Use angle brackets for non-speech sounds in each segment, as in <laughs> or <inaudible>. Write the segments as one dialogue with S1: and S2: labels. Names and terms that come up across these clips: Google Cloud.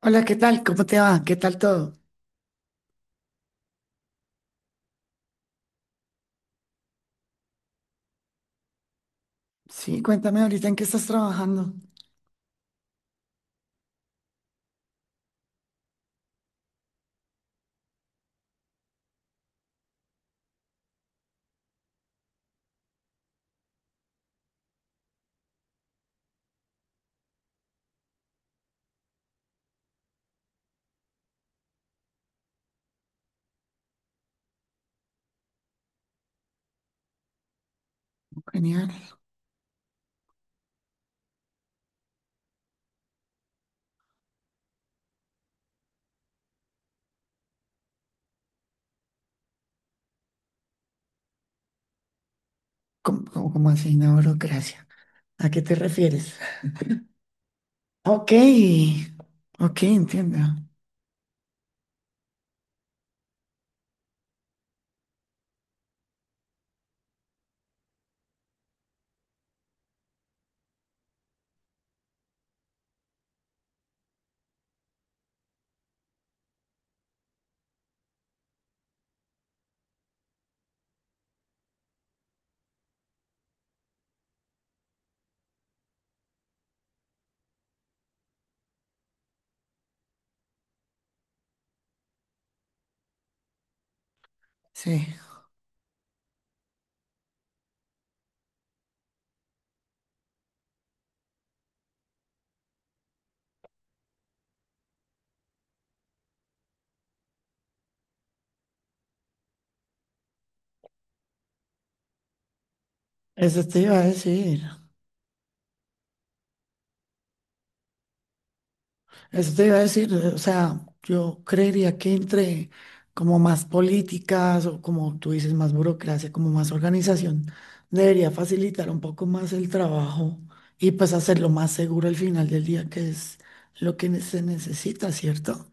S1: Hola, ¿qué tal? ¿Cómo te va? ¿Qué tal todo? Sí, cuéntame ahorita en qué estás trabajando. Genial. ¿Cómo así una burocracia? ¿A qué te refieres? Ok, ok, entiendo. Sí, eso te iba a decir. Eso te iba a decir, o sea, yo creería que entre como más políticas o como tú dices, más burocracia, como más organización, debería facilitar un poco más el trabajo y pues hacerlo más seguro al final del día, que es lo que se necesita, ¿cierto?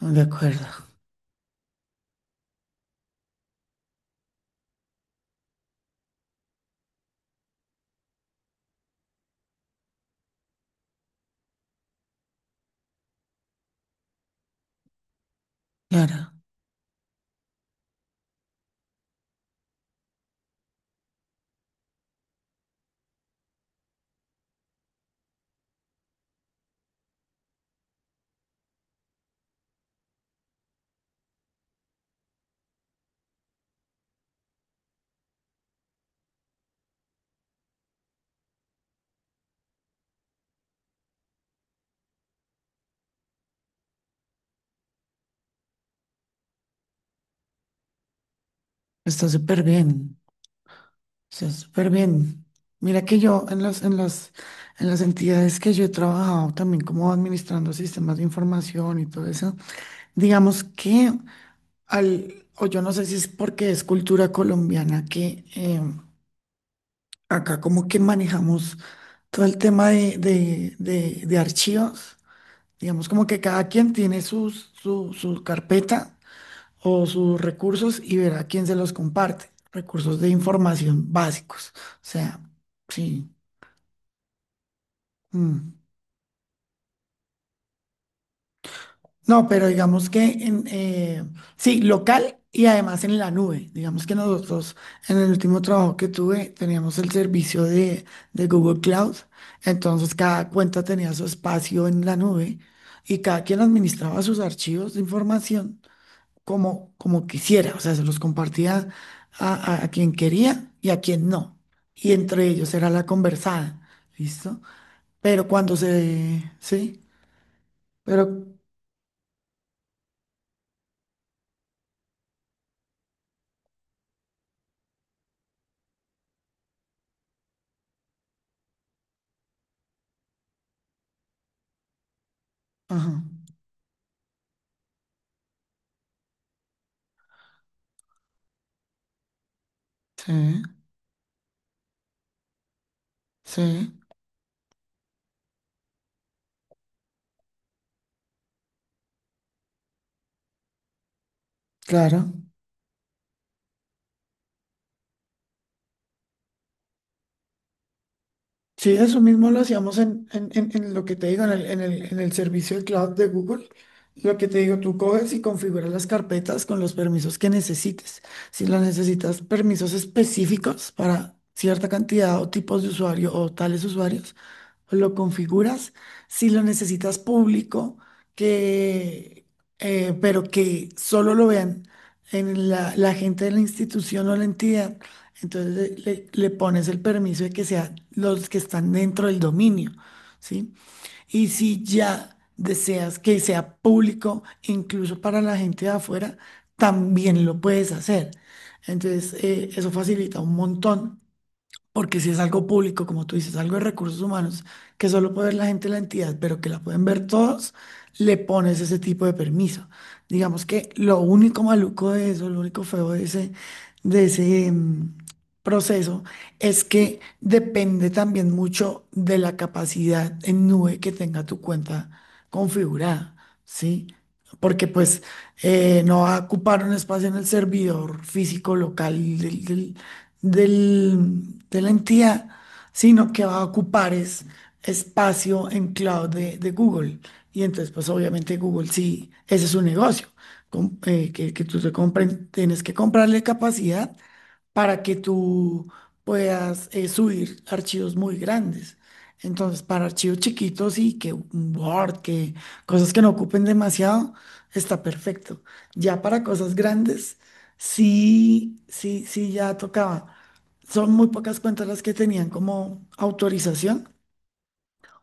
S1: Ujú. De acuerdo. Claro, está súper bien, está súper bien. Mira que yo en las entidades que yo he trabajado también como administrando sistemas de información y todo eso. Digamos que al, o yo no sé si es porque es cultura colombiana que acá como que manejamos todo el tema de archivos. Digamos como que cada quien tiene su carpeta o sus recursos y verá quién se los comparte. Recursos de información básicos. O sea, sí. mm. No, pero digamos que sí, local y además en la nube. Digamos que nosotros en el último trabajo que tuve teníamos el servicio de Google Cloud, entonces cada cuenta tenía su espacio en la nube y cada quien administraba sus archivos de información como, como quisiera, o sea, se los compartía a, a quien quería y a quien no. Y entre ellos era la conversada, ¿listo? Pero cuando se, sí, pero, ajá, sí. Sí, claro. Sí, eso mismo lo hacíamos en lo que te digo, en el servicio de cloud de Google. Lo que te digo, tú coges y configuras las carpetas con los permisos que necesites. Si las necesitas permisos específicos para cierta cantidad o tipos de usuario o tales usuarios, lo configuras. Si lo necesitas público, que, pero que solo lo vean en la gente de la institución o la entidad. Entonces le pones el permiso de que sean los que están dentro del dominio, ¿sí? Y si ya deseas que sea público, incluso para la gente de afuera, también lo puedes hacer. Entonces, eso facilita un montón. Porque si es algo público, como tú dices, algo de recursos humanos, que solo puede ver la gente de la entidad, pero que la pueden ver todos, le pones ese tipo de permiso. Digamos que lo único maluco de eso, lo único feo de ese proceso, es que depende también mucho de la capacidad en nube que tenga tu cuenta configurada, ¿sí? Porque pues no va a ocupar un espacio en el servidor físico local del- de la entidad, sino que va a ocupar es espacio en cloud de Google. Y entonces, pues obviamente Google sí, ese es su negocio, que tú te compren, tienes que comprarle capacidad para que tú puedas subir archivos muy grandes. Entonces, para archivos chiquitos y que un Word, que cosas que no ocupen demasiado, está perfecto. Ya para cosas grandes, sí, ya tocaba. Son muy pocas cuentas las que tenían como autorización,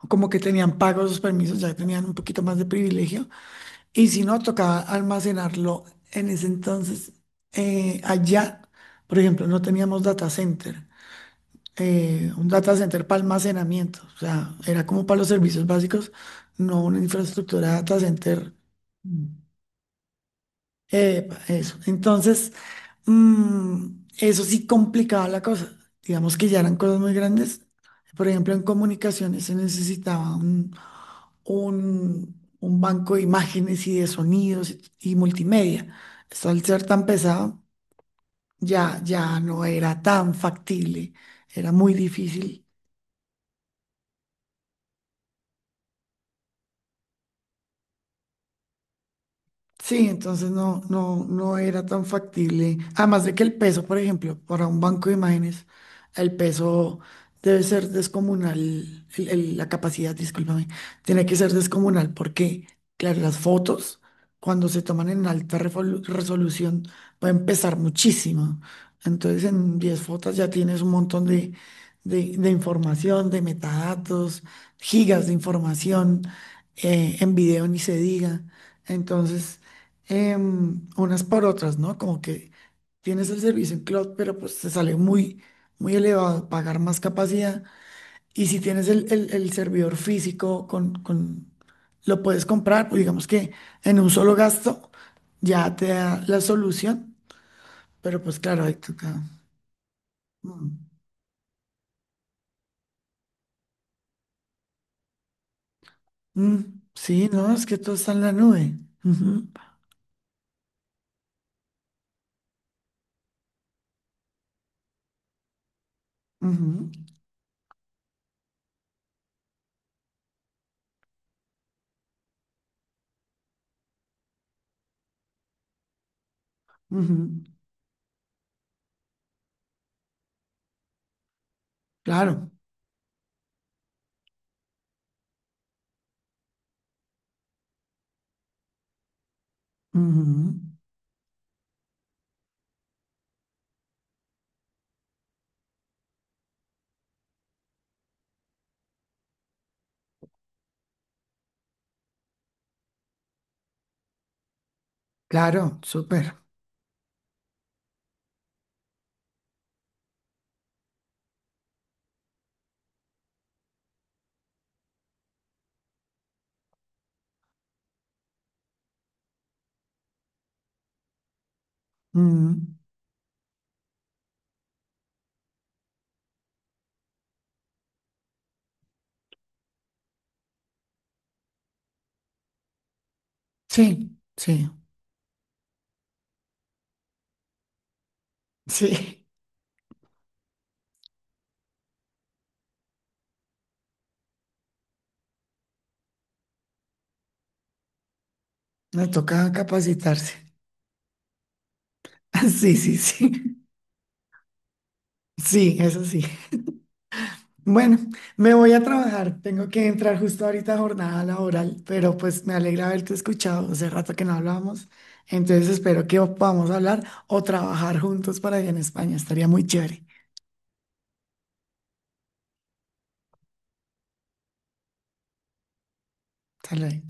S1: o como que tenían pagos los permisos, ya tenían un poquito más de privilegio. Y si no, tocaba almacenarlo en ese entonces allá. Por ejemplo, no teníamos data center, un data center para almacenamiento. O sea, era como para los servicios básicos, no una infraestructura data center. Epa, eso. Entonces, eso sí complicaba la cosa. Digamos que ya eran cosas muy grandes. Por ejemplo, en comunicaciones se necesitaba un banco de imágenes y de sonidos y multimedia. Esto al ser tan pesado, ya no era tan factible. Era muy difícil. Sí, entonces no era tan factible. Además de que el peso, por ejemplo, para un banco de imágenes, el peso debe ser descomunal, la capacidad, discúlpame, tiene que ser descomunal porque, claro, las fotos, cuando se toman en alta resolución, pueden pesar muchísimo. Entonces, en 10 fotos ya tienes un montón de información, de metadatos, gigas de información, en video ni se diga. Entonces unas por otras, ¿no? Como que tienes el servicio en cloud, pero pues te sale muy, muy elevado pagar más capacidad. Y si tienes el servidor físico lo puedes comprar, pues digamos que en un solo gasto ya te da la solución, pero pues claro, ahí toca. Mm, sí, no, es que todo está en la nube. Ujú, ujú, ujú, claro, ujú, claro, súper. Mm, sí, sí. Sí, me toca capacitarse. <laughs> Sí, sí, sí. Sí, eso sí. Bueno, me voy a trabajar. Tengo que entrar justo ahorita a jornada laboral, pero pues me alegra haberte escuchado. Hace rato que no hablábamos. Entonces espero que podamos hablar o trabajar juntos para allá en España. Estaría muy chévere. Hasta luego.